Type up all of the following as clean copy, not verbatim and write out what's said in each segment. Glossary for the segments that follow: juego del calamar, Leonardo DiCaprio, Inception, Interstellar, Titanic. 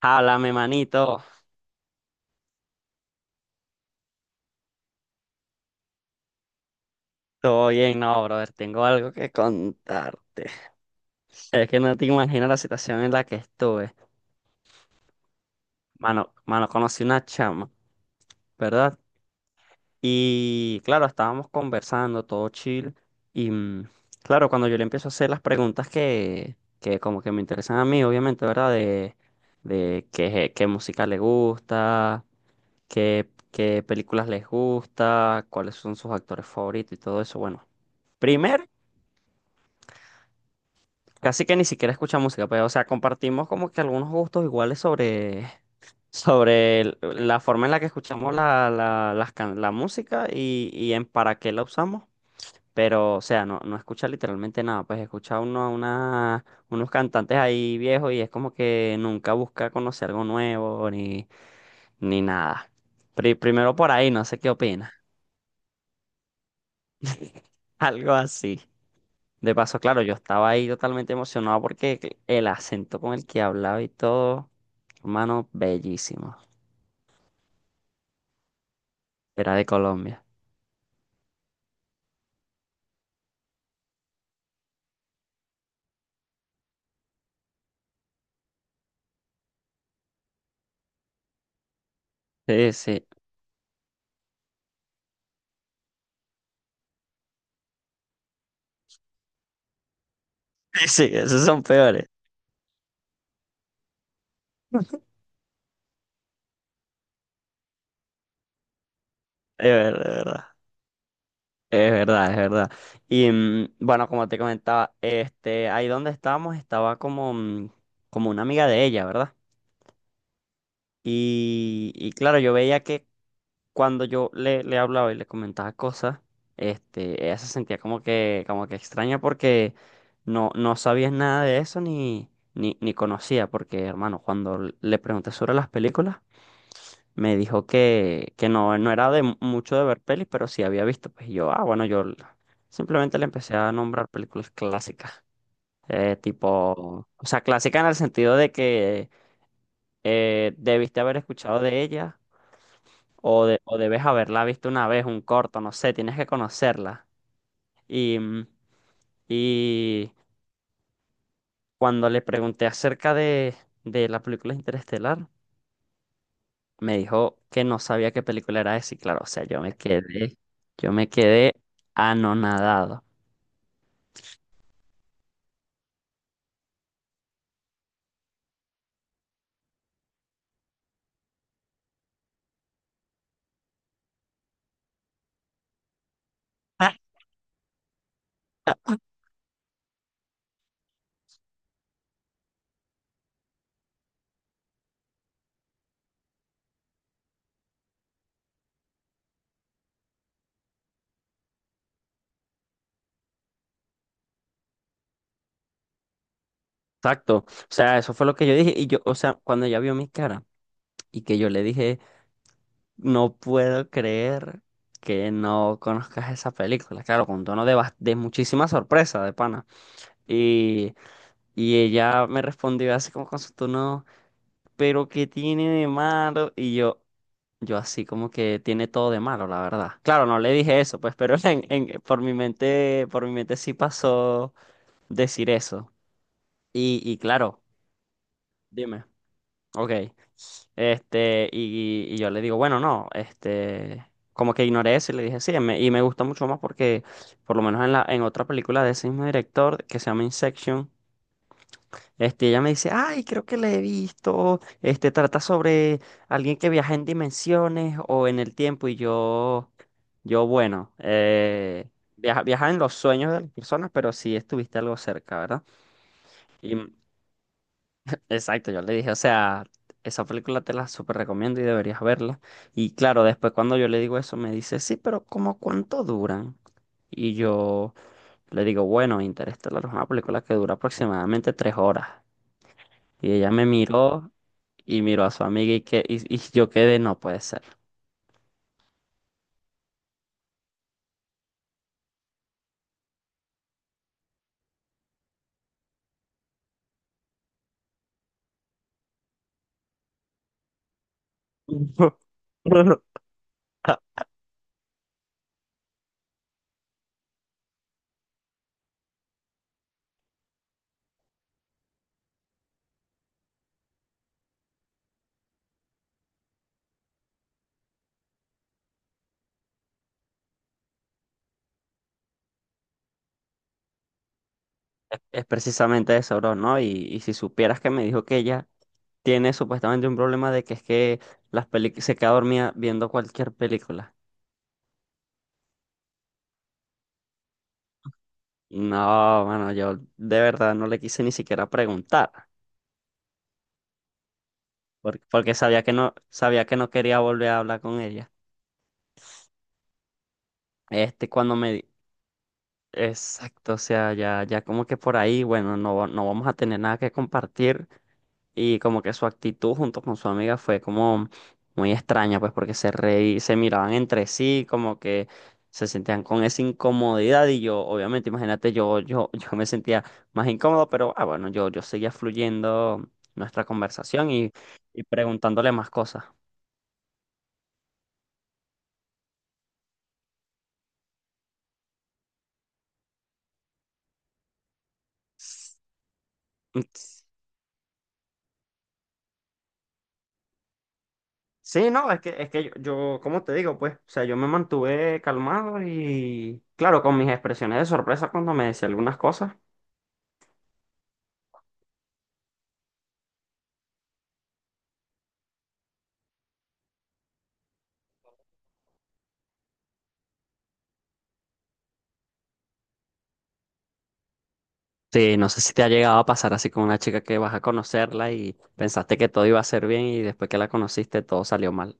Háblame, manito. Todo bien, no, brother. Tengo algo que contarte. Es que no te imaginas la situación en la que estuve. Mano, conocí una chama, ¿verdad? Y claro, estábamos conversando, todo chill. Y mm, claro, cuando yo le empiezo a hacer las preguntas que como que me interesan a mí, obviamente, ¿verdad? De qué, qué música le gusta, qué, qué películas les gusta, cuáles son sus actores favoritos y todo eso. Bueno. Primero. Casi que ni siquiera escucha música, pero, o sea, compartimos como que algunos gustos iguales sobre, sobre la forma en la que escuchamos la música y en para qué la usamos. Pero, o sea, no escucha literalmente nada. Pues escucha unos cantantes ahí viejos y es como que nunca busca conocer algo nuevo ni, ni nada. Primero por ahí, no sé qué opina. Algo así. De paso, claro, yo estaba ahí totalmente emocionado porque el acento con el que hablaba y todo, hermano, bellísimo. Era de Colombia. Sí, sí, sí, sí, esos son peores. Es verdad, es verdad, es verdad. Bueno, como te comentaba, este, ahí donde estábamos estaba como, como una amiga de ella, ¿verdad? Y claro, yo veía que cuando yo le hablaba y le comentaba cosas, este, ella se sentía como que extraña porque no sabía nada de eso ni, ni conocía, porque hermano, cuando le pregunté sobre las películas, me dijo que no, no era de mucho de ver pelis, pero sí había visto. Pues y yo, ah, bueno, simplemente le empecé a nombrar películas clásicas. Eh, tipo, o sea, clásica en el sentido de que debiste haber escuchado de ella o debes haberla visto una vez, un corto, no sé, tienes que conocerla. Y, mm, y cuando le pregunté acerca de la película Interestelar, me dijo que no sabía qué película era esa. Y claro, o sea, yo me quedé anonadado. Ah. Exacto. O sea, eso fue lo que yo dije. Y yo, o sea, cuando ella vio mi cara y que yo le dije, no puedo creer que no conozcas esa película. Claro, con tono de, de muchísima sorpresa, de pana. Y ella me respondió así como con su tono, pero ¿qué tiene de malo? Y yo así como que tiene todo de malo, la verdad. Claro, no le dije eso, pues, pero en, por mi mente sí pasó decir eso. Y claro, dime, ok, este, y yo le digo, bueno, no, este, como que ignoré eso y le dije, sí, y me gustó mucho más porque, por lo menos en en otra película de ese mismo director, que se llama Inception. Este, ella me dice, ay, creo que la he visto. Este trata sobre alguien que viaja en dimensiones o en el tiempo. Y yo, bueno, viaja en los sueños de las personas, pero sí estuviste algo cerca, ¿verdad? Y mm, exacto, yo le dije, o sea, esa película te la súper recomiendo y deberías verla. Y claro, después cuando yo le digo eso, me dice, sí, pero ¿cómo cuánto duran? Y yo le digo, bueno, Interestelar es una película que dura aproximadamente tres horas. Y ella me miró y miró a su amiga y, que, y yo quedé, no puede ser. Es, es precisamente eso, bro, ¿no? Y si supieras que me dijo que ella tiene supuestamente un problema de que es que se queda dormida viendo cualquier película. No, bueno, yo de verdad no le quise ni siquiera preguntar, porque, porque sabía que no quería volver a hablar con ella. Este, Exacto, o sea, ya, ya como que por ahí, bueno, no, no vamos a tener nada que compartir. Y como que su actitud junto con su amiga fue como muy extraña, pues porque se miraban entre sí, como que se sentían con esa incomodidad y yo, obviamente, imagínate, yo me sentía más incómodo, pero ah, bueno, yo seguía fluyendo nuestra conversación y preguntándole más cosas. Sí, no, es que yo, ¿cómo te digo? Pues, o sea, yo me mantuve calmado y, claro, con mis expresiones de sorpresa cuando me decía algunas cosas. Sí, no sé si te ha llegado a pasar así con una chica que vas a conocerla y pensaste que todo iba a ser bien y después que la conociste todo salió mal.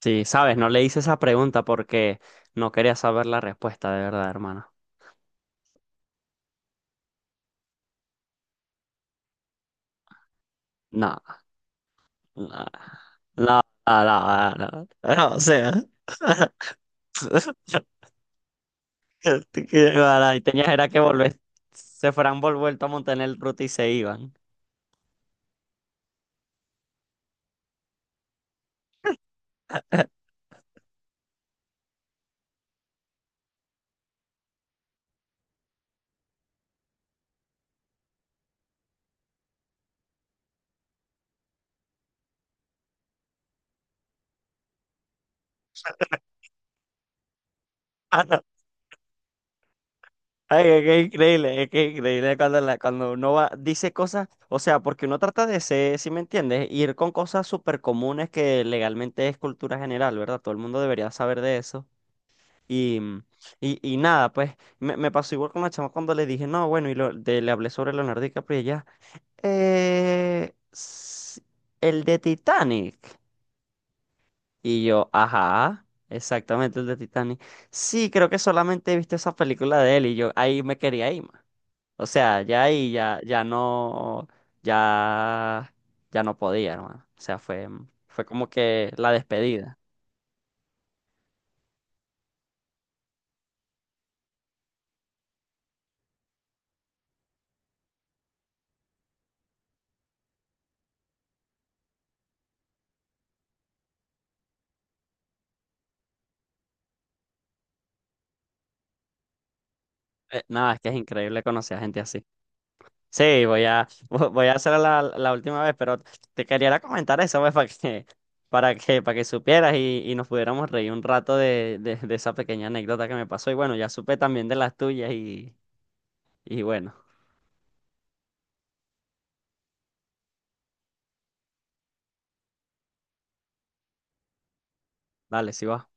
Sí, sabes, no le hice esa pregunta porque no quería saber la respuesta de verdad, hermano. No, no, no, no, no, no, no, o sea, bueno, y tenías era que volver, se fueran vuelto a montar en el ruta y se iban. Ay, es que es increíble, es que es increíble cuando, cuando uno va, dice cosas, o sea, porque uno trata de ser, si me entiendes, ir con cosas súper comunes que legalmente es cultura general, ¿verdad? Todo el mundo debería saber de eso. Y, mm, y nada, pues me pasó igual con la chama cuando le dije, no, bueno, y le hablé sobre Leonardo DiCaprio y ella, "Eh, s- el de Titanic". Y yo, ajá, exactamente el de Titanic. Sí, creo que solamente he visto esa película de él y yo ahí me quería ir. O sea, ya ahí ya, ya no, ya, ya no podía, hermano. O sea, fue, fue como que la despedida. Nada, es que es increíble conocer a gente así. Sí, voy a, voy a hacer la, la última vez, pero te quería era comentar eso, pues, para que, para que, para que supieras y nos pudiéramos reír un rato de esa pequeña anécdota que me pasó. Y bueno, ya supe también de las tuyas y bueno, dale, sí va.